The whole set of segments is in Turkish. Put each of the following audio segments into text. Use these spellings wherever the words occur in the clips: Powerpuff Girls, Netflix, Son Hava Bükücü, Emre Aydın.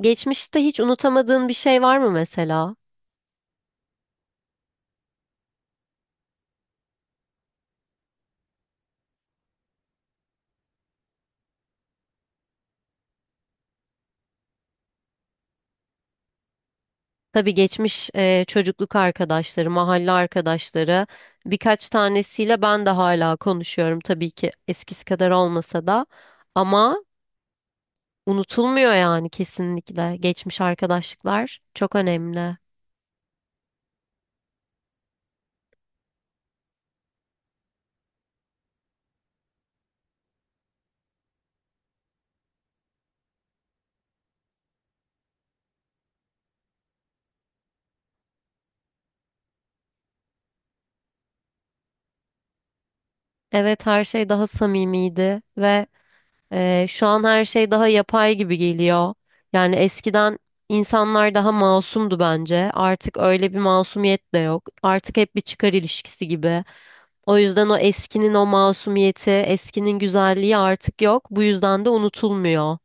Geçmişte hiç unutamadığın bir şey var mı mesela? Tabii geçmiş çocukluk arkadaşları, mahalle arkadaşları birkaç tanesiyle ben de hala konuşuyorum, tabii ki eskisi kadar olmasa da, ama unutulmuyor yani kesinlikle. Geçmiş arkadaşlıklar çok önemli. Evet, her şey daha samimiydi ve şu an her şey daha yapay gibi geliyor. Yani eskiden insanlar daha masumdu bence. Artık öyle bir masumiyet de yok. Artık hep bir çıkar ilişkisi gibi. O yüzden o eskinin o masumiyeti, eskinin güzelliği artık yok. Bu yüzden de unutulmuyor.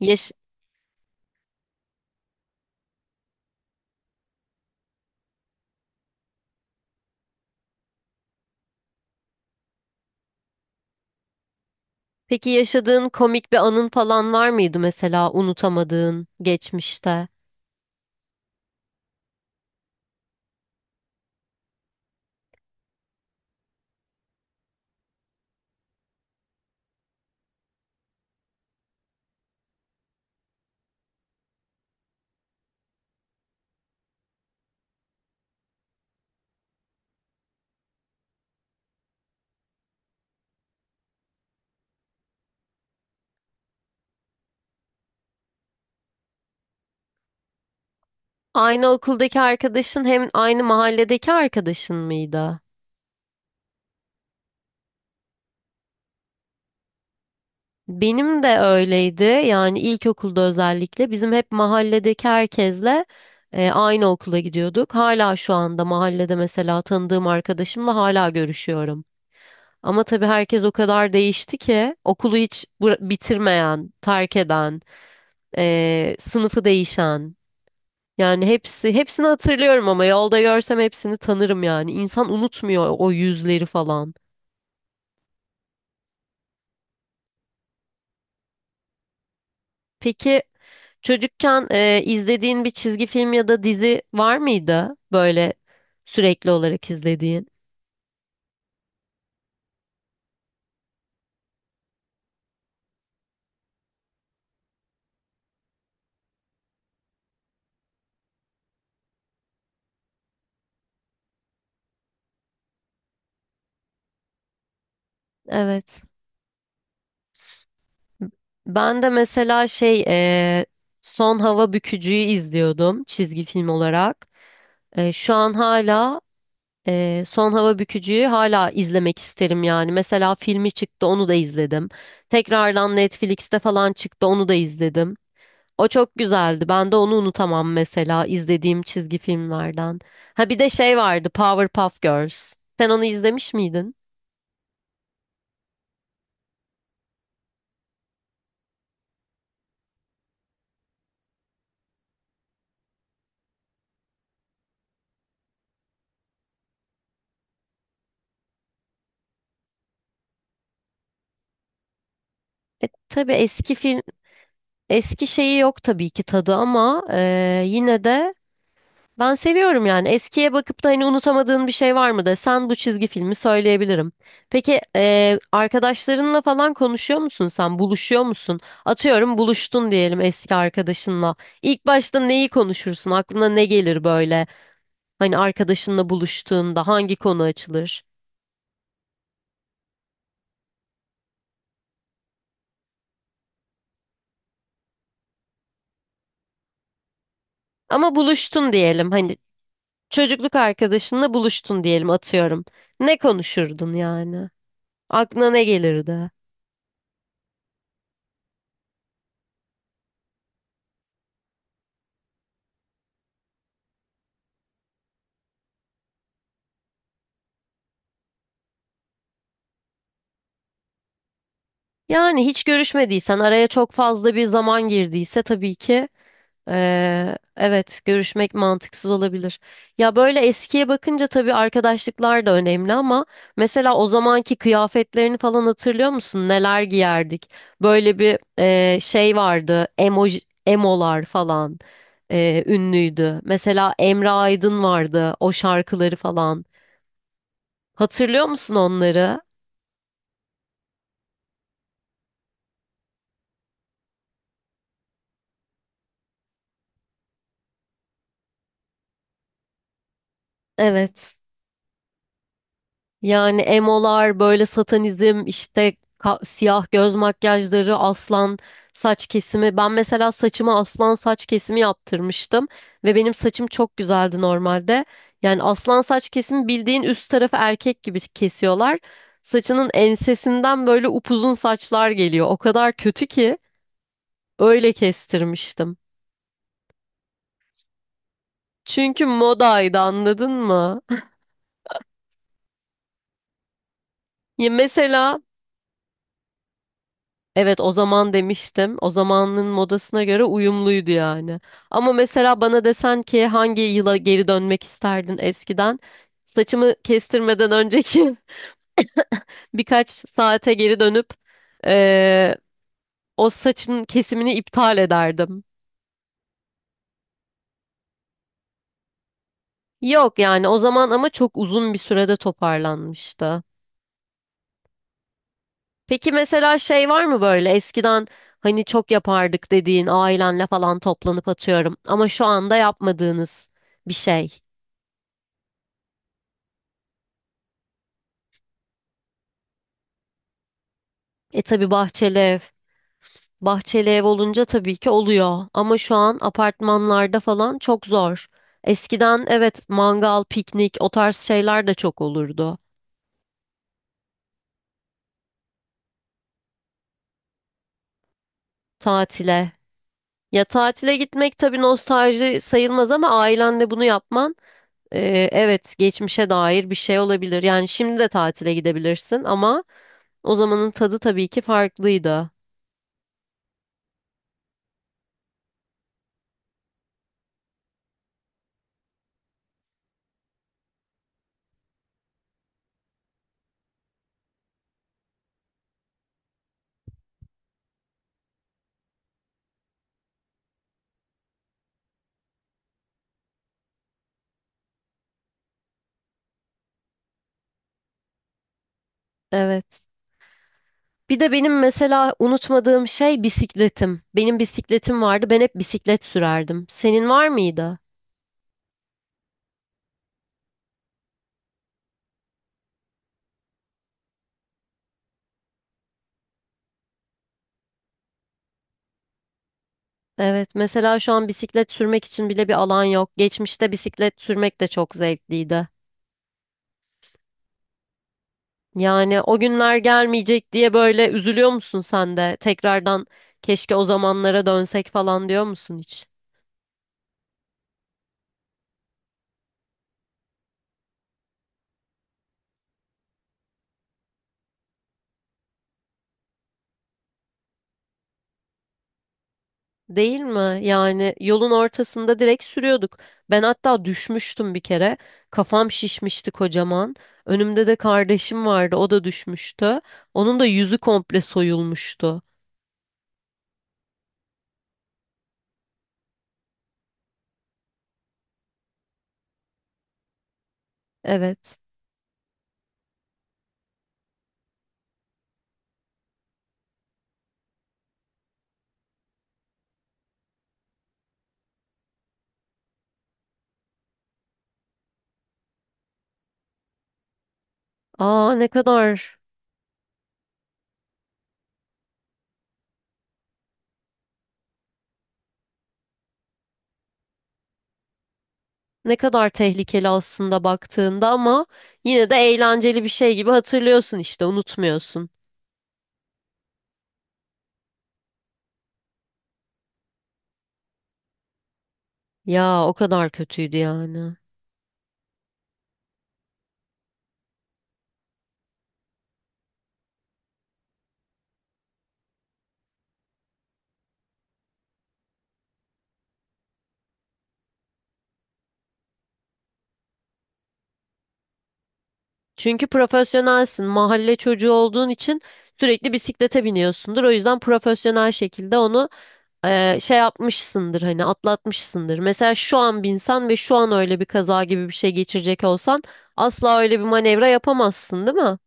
Yaş- Peki yaşadığın komik bir anın falan var mıydı mesela unutamadığın geçmişte? Aynı okuldaki arkadaşın hem aynı mahalledeki arkadaşın mıydı? Benim de öyleydi. Yani ilkokulda özellikle bizim hep mahalledeki herkesle aynı okula gidiyorduk. Hala şu anda mahallede mesela tanıdığım arkadaşımla hala görüşüyorum. Ama tabii herkes o kadar değişti ki, okulu hiç bitirmeyen, terk eden, sınıfı değişen. Yani hepsi hepsini hatırlıyorum, ama yolda görsem hepsini tanırım yani. İnsan unutmuyor o yüzleri falan. Peki, çocukken izlediğin bir çizgi film ya da dizi var mıydı böyle sürekli olarak izlediğin? Evet. Ben de mesela şey, Son Hava Bükücü'yü izliyordum çizgi film olarak. Şu an hala Son Hava Bükücü'yü hala izlemek isterim yani. Mesela filmi çıktı, onu da izledim. Tekrardan Netflix'te falan çıktı, onu da izledim. O çok güzeldi. Ben de onu unutamam mesela izlediğim çizgi filmlerden. Ha, bir de şey vardı, Powerpuff Girls. Sen onu izlemiş miydin? Tabii eski film eski şeyi yok tabii ki tadı, ama yine de ben seviyorum yani. Eskiye bakıp da hani unutamadığın bir şey var mı desen, bu çizgi filmi söyleyebilirim. Peki, arkadaşlarınla falan konuşuyor musun sen? Buluşuyor musun? Atıyorum, buluştun diyelim eski arkadaşınla. İlk başta neyi konuşursun? Aklına ne gelir böyle? Hani arkadaşınla buluştuğunda hangi konu açılır? Ama buluştun diyelim. Hani çocukluk arkadaşınla buluştun diyelim, atıyorum. Ne konuşurdun yani? Aklına ne gelirdi? Yani hiç görüşmediysen, araya çok fazla bir zaman girdiyse, tabii ki evet, görüşmek mantıksız olabilir. Ya, böyle eskiye bakınca tabii arkadaşlıklar da önemli, ama mesela o zamanki kıyafetlerini falan hatırlıyor musun? Neler giyerdik? Böyle bir şey vardı, emo, emolar falan ünlüydü. Mesela Emre Aydın vardı, o şarkıları falan. Hatırlıyor musun onları? Evet. Yani emolar, böyle satanizm, işte siyah göz makyajları, aslan saç kesimi. Ben mesela saçıma aslan saç kesimi yaptırmıştım ve benim saçım çok güzeldi normalde. Yani aslan saç kesimi, bildiğin üst tarafı erkek gibi kesiyorlar. Saçının ensesinden böyle upuzun saçlar geliyor. O kadar kötü ki, öyle kestirmiştim. Çünkü modaydı, anladın mı? Ya mesela. Evet, o zaman demiştim. O zamanın modasına göre uyumluydu yani. Ama mesela bana desen ki hangi yıla geri dönmek isterdin eskiden, saçımı kestirmeden önceki birkaç saate geri dönüp eee, o saçın kesimini iptal ederdim. Yok yani o zaman, ama çok uzun bir sürede toparlanmıştı. Peki mesela şey var mı, böyle eskiden hani çok yapardık dediğin, ailenle falan toplanıp atıyorum, ama şu anda yapmadığınız bir şey? E, tabii, bahçeli ev. Bahçeli ev olunca tabii ki oluyor. Ama şu an apartmanlarda falan çok zor. Eskiden evet, mangal, piknik, o tarz şeyler de çok olurdu. Tatile. Ya, tatile gitmek tabii nostalji sayılmaz, ama ailenle bunu yapman, e, evet, geçmişe dair bir şey olabilir. Yani şimdi de tatile gidebilirsin, ama o zamanın tadı tabii ki farklıydı. Evet. Bir de benim mesela unutmadığım şey, bisikletim. Benim bisikletim vardı. Ben hep bisiklet sürerdim. Senin var mıydı? Evet, mesela şu an bisiklet sürmek için bile bir alan yok. Geçmişte bisiklet sürmek de çok zevkliydi. Yani o günler gelmeyecek diye böyle üzülüyor musun sen de? Tekrardan keşke o zamanlara dönsek falan diyor musun hiç? Değil mi? Yani yolun ortasında direkt sürüyorduk. Ben hatta düşmüştüm bir kere. Kafam şişmişti kocaman. Önümde de kardeşim vardı. O da düşmüştü. Onun da yüzü komple soyulmuştu. Evet. Aa, ne kadar tehlikeli aslında baktığında, ama yine de eğlenceli bir şey gibi hatırlıyorsun işte, unutmuyorsun. Ya, o kadar kötüydü yani. Çünkü profesyonelsin. Mahalle çocuğu olduğun için sürekli bisiklete biniyorsundur. O yüzden profesyonel şekilde onu şey yapmışsındır, hani atlatmışsındır. Mesela şu an binsen ve şu an öyle bir kaza gibi bir şey geçirecek olsan, asla öyle bir manevra yapamazsın, değil mi?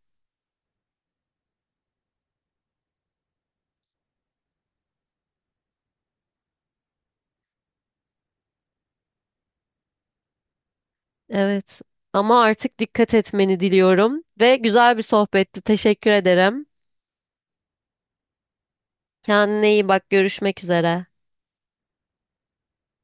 Evet. Ama artık dikkat etmeni diliyorum ve güzel bir sohbetti. Teşekkür ederim. Kendine iyi bak. Görüşmek üzere.